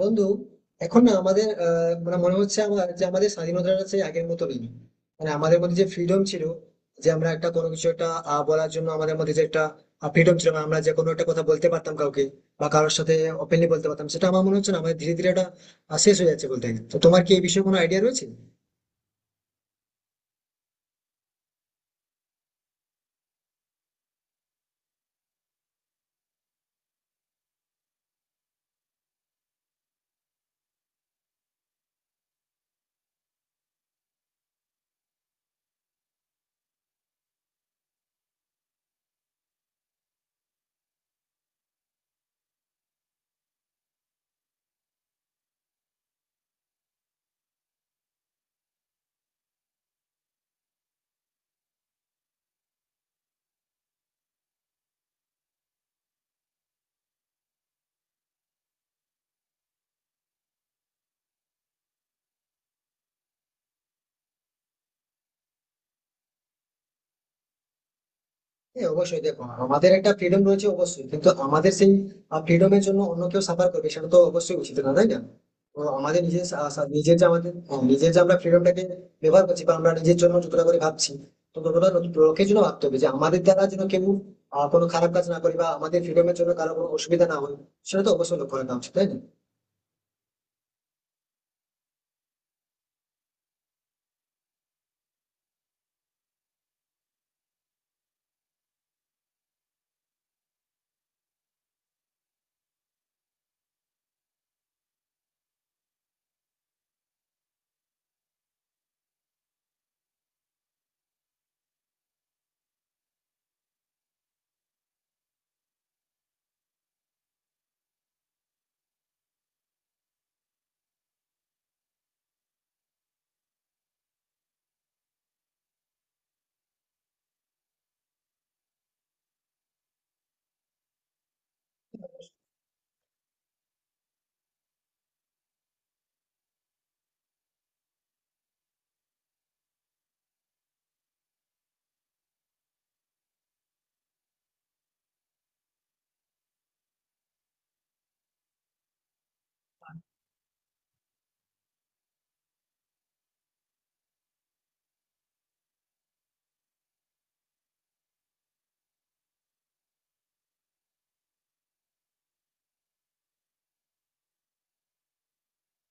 বন্ধু, এখন না আমাদের মানে মনে হচ্ছে আমার যে আমাদের স্বাধীনতাটা সেই আগের মতো নেই। মানে আমাদের মধ্যে যে ফ্রিডম ছিল, যে আমরা একটা কোনো কিছু একটা বলার জন্য আমাদের মধ্যে যে একটা ফ্রিডম ছিল, মানে আমরা যে কোনো একটা কথা বলতে পারতাম কাউকে বা কারোর সাথে ওপেনলি বলতে পারতাম, সেটা আমার মনে হচ্ছে না। আমাদের ধীরে ধীরে এটা শেষ হয়ে যাচ্ছে বলতে গেলে। তো তোমার কি এই বিষয়ে কোনো আইডিয়া রয়েছে? হ্যাঁ, অবশ্যই। দেখো, আমাদের একটা ফ্রিডম রয়েছে অবশ্যই, কিন্তু আমাদের সেই ফ্রিডমের জন্য অন্য কেউ সাফার করবে সেটা তো অবশ্যই উচিত না, তাই না? তো আমাদের নিজের সা- সা- নিজের যে আমাদের হ্যাঁ, নিজের যে আমরা ফ্রিডমটাকে ব্যবহার করছি বা আমরা নিজের জন্য যতটা করে ভাবছি, তো ততটা লোকের জন্য ভাবতে হবে, যে আমাদের দ্বারা যেন কেউ কোনো খারাপ কাজ না করি বা আমাদের ফ্রিডমের জন্য কারো কোনো অসুবিধা না হয়। সেটা তো অবশ্যই লক্ষ্য রাখা উচিত, তাই না?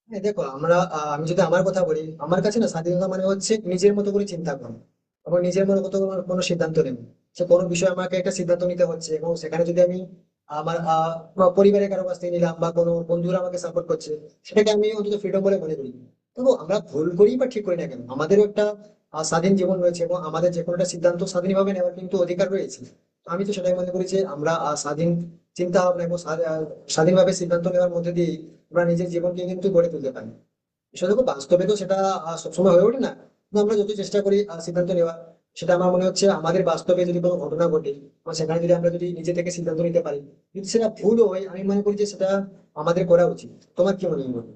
হ্যাঁ, দেখো আমরা আমি যদি আমার কথা বলি, আমার কাছে না স্বাধীনতা মানে হচ্ছে নিজের মতো করে চিন্তা করা এবং নিজের মতো করে কোনো কোনো সিদ্ধান্ত নেব। সে কোনো বিষয়ে আমাকে একটা সিদ্ধান্ত নিতে হচ্ছে এবং সেখানে যদি আমি আমার বা পরিবারের কারো কাছ থেকে নিলাম, বা কোনো বন্ধুরা আমাকে সাপোর্ট করছে, সেটাকে আমি অন্তত ফ্রিডম বলে মনে করি। তবু আমরা ভুল করি বা ঠিক করি না কেন, আমাদেরও একটা স্বাধীন জীবন রয়েছে এবং আমাদের যে কোনো একটা সিদ্ধান্ত স্বাধীনভাবে নেওয়ার কিন্তু অধিকার রয়েছে। তো আমি তো সেটাই মনে করি যে আমরা স্বাধীন চিন্তা ভাবনা এবং স্বাধীনভাবে সিদ্ধান্ত নেওয়ার মধ্যে দিয়ে আমরা নিজের জীবনকে কিন্তু গড়ে তুলতে পারি। সেটা দেখো, বাস্তবে তো সেটা সবসময় হয়ে ওঠে না, কিন্তু আমরা যত চেষ্টা করি সিদ্ধান্ত নেওয়া, সেটা আমার মনে হচ্ছে আমাদের বাস্তবে যদি কোনো ঘটনা ঘটে বা সেখানে যদি আমরা যদি নিজে থেকে সিদ্ধান্ত নিতে পারি, যদি সেটা ভুল হয়, আমি মনে করি যে সেটা আমাদের করা উচিত। তোমার কি মনে হয় বলো?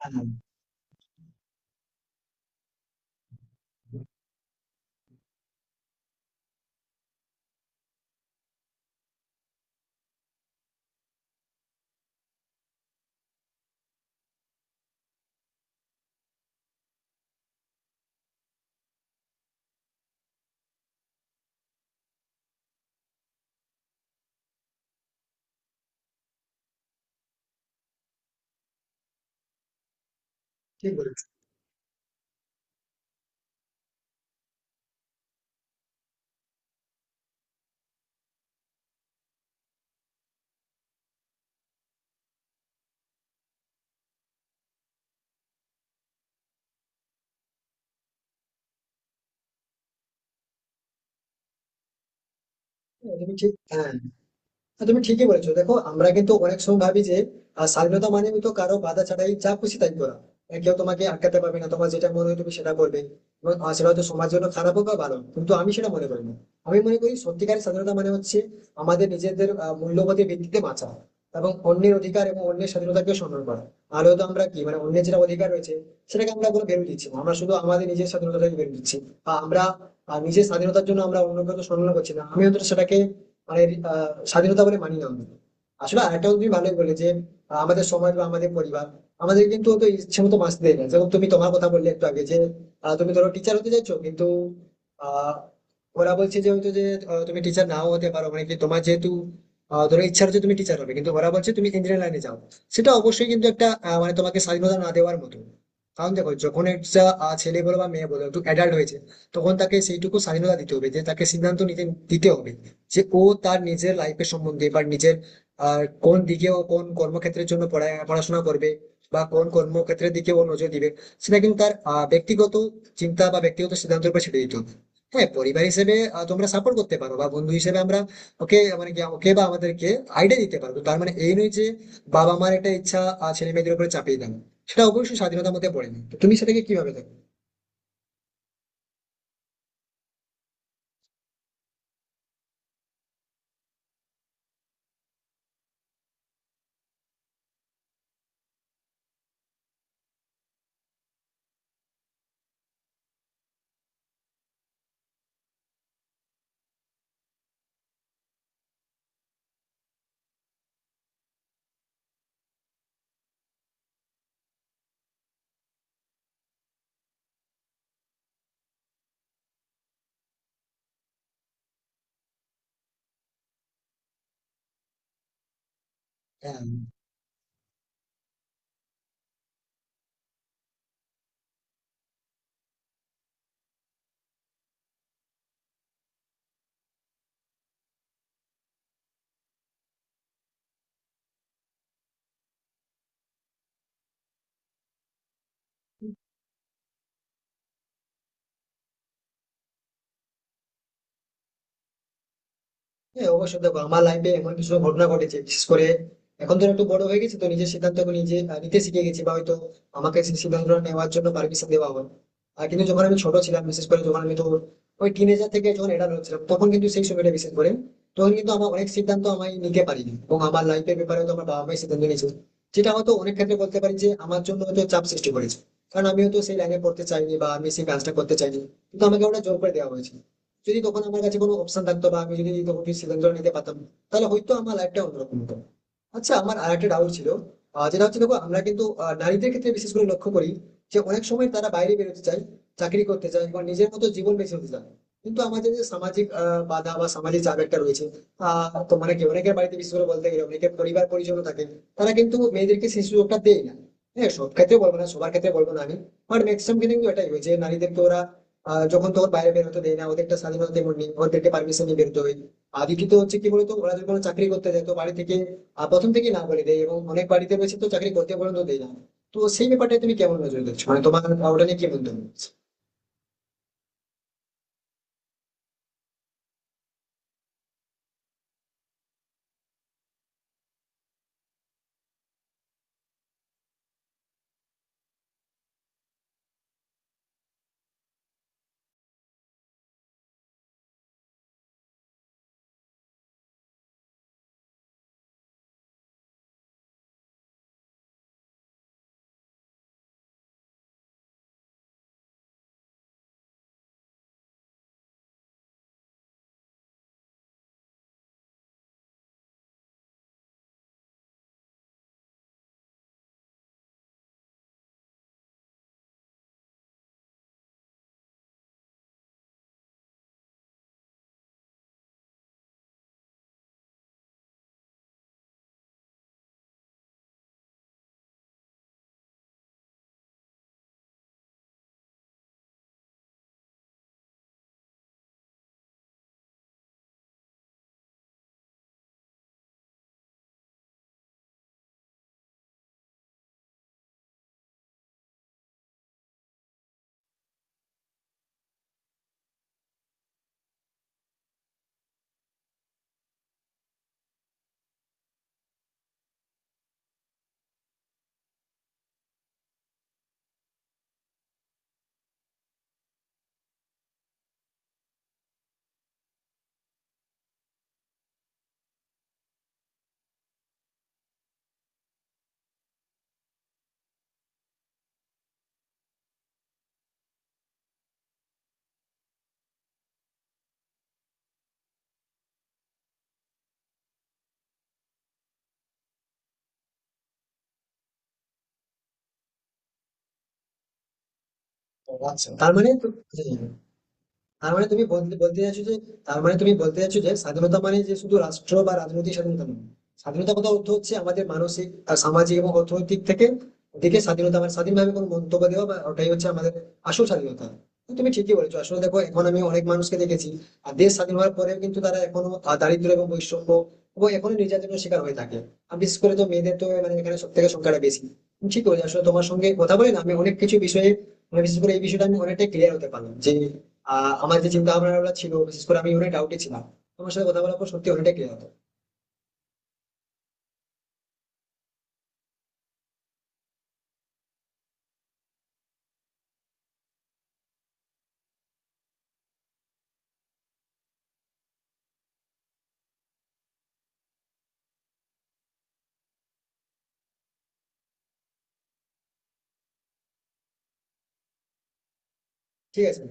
হ্যাঁ, ঠিক বলেছো। হ্যাঁ, তুমি ঠিক, হ্যাঁ। হ্যাঁ, তুমি ঠিকই বলেছো। দেখো আমরা কিন্তু অনেক সময় ভাবি যে স্বাধীনতা মানে তো কারো বাধা ছাড়াই যা খুশি তাই করা, কেউ তোমাকে আটকাতে পারবে না, তোমার যেটা মনে হয় তুমি সেটা করবে এবং, সেটা হয়তো সমাজের জন্য খারাপ হোক বা ভালো হোক, কিন্তু আমি সেটা মনে করি না। আমি মনে করি সত্যিকারের স্বাধীনতা মানে হচ্ছে আমাদের নিজেদের মূল্যবোধের ভিত্তিতে বাঁচা এবং অন্যের অধিকার এবং অন্যের স্বাধীনতাকে সম্মান করা। আর হয়তো আমরা কি মানে অন্যের যেটা অধিকার রয়েছে সেটাকে আমরা কোনো ভ্যালু দিচ্ছি না। আমরা শুধু আমাদের নিজের স্বাধীনতাকে ভ্যালু দিচ্ছি বা আমরা নিজের স্বাধীনতার জন্য আমরা অন্যকে তো সম্মান করছি না। আমি অন্তত সেটাকে মানে স্বাধীনতা বলে মানি না আমরা। আসলে আরেকটা তুমি ভালোই বলে যে আমাদের সমাজ বা আমাদের পরিবার আমাদের কিন্তু অত ইচ্ছে মতো বাঁচতে দেয় না। যেমন তুমি তোমার কথা বললে একটু আগে যে তুমি ধরো টিচার হতে চাইছো, কিন্তু আহ ওরা বলছে যে হয়তো যে তুমি টিচার নাও হতে পারো, মানে কি তোমার যেহেতু ধরো ইচ্ছা হচ্ছে তুমি টিচার হবে কিন্তু ওরা বলছে তুমি ইঞ্জিনিয়ার লাইনে যাও। সেটা অবশ্যই কিন্তু একটা মানে তোমাকে স্বাধীনতা না দেওয়ার মতো। কারণ দেখো, যখন একটা ছেলে বলো বা মেয়ে বলো একটু অ্যাডাল্ট হয়েছে, তখন তাকে সেইটুকু স্বাধীনতা দিতে হবে যে তাকে সিদ্ধান্ত নিতে দিতে হবে, যে ও তার নিজের লাইফের সম্বন্ধে বা নিজের কোন দিকে ও কোন কর্মক্ষেত্রের জন্য পড়াশোনা করবে বা কোন কর্মক্ষেত্রের দিকে ও নজর দিবে, সেটা কিন্তু তার ব্যক্তিগত চিন্তা বা ব্যক্তিগত সিদ্ধান্তের উপর ছেড়ে দিতে হবে। হ্যাঁ, পরিবার হিসেবে তোমরা সাপোর্ট করতে পারো বা বন্ধু হিসেবে আমরা ওকে মানে কি ওকে বা আমাদেরকে আইডিয়া দিতে পারবো, তার মানে এই নয় যে বাবা মার একটা ইচ্ছা ছেলে মেয়েদের উপরে চাপিয়ে দেন। সেটা অবশ্যই স্বাধীনতার মধ্যে পড়ে না। তো তুমি সেটাকে কিভাবে দেখো? হ্যাঁ। হ্যাঁ, অবশ্যই। দেখো, আমার লাইফে এমন কিছু ঘটনা ঘটেছে বিশেষ করে। এখন তো একটু বড় হয়ে গেছি, তো নিজের সিদ্ধান্তকে নিজে নিতে শিখে গেছি বা হয়তো আমাকে সেই সিদ্ধান্ত নেওয়ার জন্য পারমিশন দেওয়া হয়। আর কিন্তু যখন আমি ছোট ছিলাম, বিশেষ করে যখন আমি তো ওই টিনেজার থেকে যখন এডাল হচ্ছিলাম, তখন কিন্তু সেই সময়টা বিশেষ করে তখন কিন্তু আমার অনেক সিদ্ধান্ত আমি নিতে পারিনি এবং আমার লাইফের ব্যাপারে হয়তো আমার বাবা মাই সিদ্ধান্ত নিয়েছে, যেটা হয়তো অনেক ক্ষেত্রে বলতে পারি যে আমার জন্য হয়তো চাপ সৃষ্টি করেছে। কারণ আমি হয়তো সেই লাইনে পড়তে চাইনি বা আমি সেই কাজটা করতে চাইনি, কিন্তু আমাকে ওটা জোর করে দেওয়া হয়েছে। যদি তখন আমার কাছে কোনো অপশন থাকতো বা আমি যদি তখন কিছু সিদ্ধান্ত নিতে পারতাম, তাহলে হয়তো আমার লাইফটা অন্যরকম হতো। আচ্ছা, আমার আর একটা ডাউট ছিল, যেটা হচ্ছে দেখো আমরা কিন্তু নারীদের ক্ষেত্রে বিশেষ করে লক্ষ্য করি যে অনেক সময় তারা বাইরে বেরোতে চায়, চাকরি করতে চায় বা নিজের মতো জীবন বেছে নিতে চায়, কিন্তু আমাদের যে সামাজিক বাধা বা সামাজিক চাপ একটা রয়েছে। তো মানে কি অনেকের বাড়িতে বিশেষ করে বলতে গেলে অনেকের পরিবার পরিজন থাকে, তারা কিন্তু মেয়েদেরকে সেই সুযোগটা দেয় না। হ্যাঁ, সব ক্ষেত্রে বলবো না, সবার ক্ষেত্রে বলবো না আমি, বাট ম্যাক্সিমাম কিন্তু এটাই হয় যে নারীদেরকে ওরা যখন তখন বাইরে বের হতে দেয় না, ওদের একটা স্বাধীনতা তেমন নেই, ওদেরকে পারমিশন নিয়ে বেরোতে হয়। আর দ্বিতীয়ত হচ্ছে কি বলতো, ওরা যদি কোনো চাকরি করতে যায় তো বাড়ি থেকে প্রথম থেকে না বলে দেয় এবং অনেক বাড়িতে রয়েছে তো চাকরি করতে পর্যন্ত দেয় না। তো সেই ব্যাপারটা তুমি কেমন নজর দিচ্ছ, মানে তোমার ওটা নিয়ে কি বলতে হবে? আচ্ছা, তার মানে তো- হ্যাঁ। তার মানে তুমি বলতে বলতে চাইছো যে তার মানে তুমি বলতে চাইছো যে স্বাধীনতা মানে যে শুধু রাষ্ট্র বা রাজনৈতিক স্বাধীনতা নয়, স্বাধীনতা কথা অর্থ হচ্ছে আমাদের মানসিক আর সামাজিক এবং অর্থনৈতিক থেকে দিকে স্বাধীনতা মানে স্বাধীনভাবে কোনো মন্তব্য দেওয়া, বা ওটাই হচ্ছে আমাদের আসল স্বাধীনতা। তো তুমি ঠিকই বলেছো। আসলে দেখো, এখন আমি অনেক মানুষকে দেখেছি আর দেশ স্বাধীন হওয়ার পরেও কিন্তু তারা এখনো দারিদ্র এবং বৈষম্য এবং এখনো নির্যাতনের শিকার হয়ে থাকে। আর বিশেষ করে তো মেয়েদের তো মানে এখানে সব থেকে সংখ্যাটা বেশি। তুমি ঠিক বলেছো, আসলে তোমার সঙ্গে কথা বলে না আমি অনেক কিছু বিষয়ে মানে বিশেষ করে এই বিষয়টা আমি অনেকটাই ক্লিয়ার হতে পারলাম। যে আমার যে চিন্তা ভাবনা ছিল, বিশেষ করে আমি অনেক ডাউটে ছিলাম, তোমার সাথে কথা বলার পর সত্যি অনেকটা ক্লিয়ার হতো। ঠিক আছে।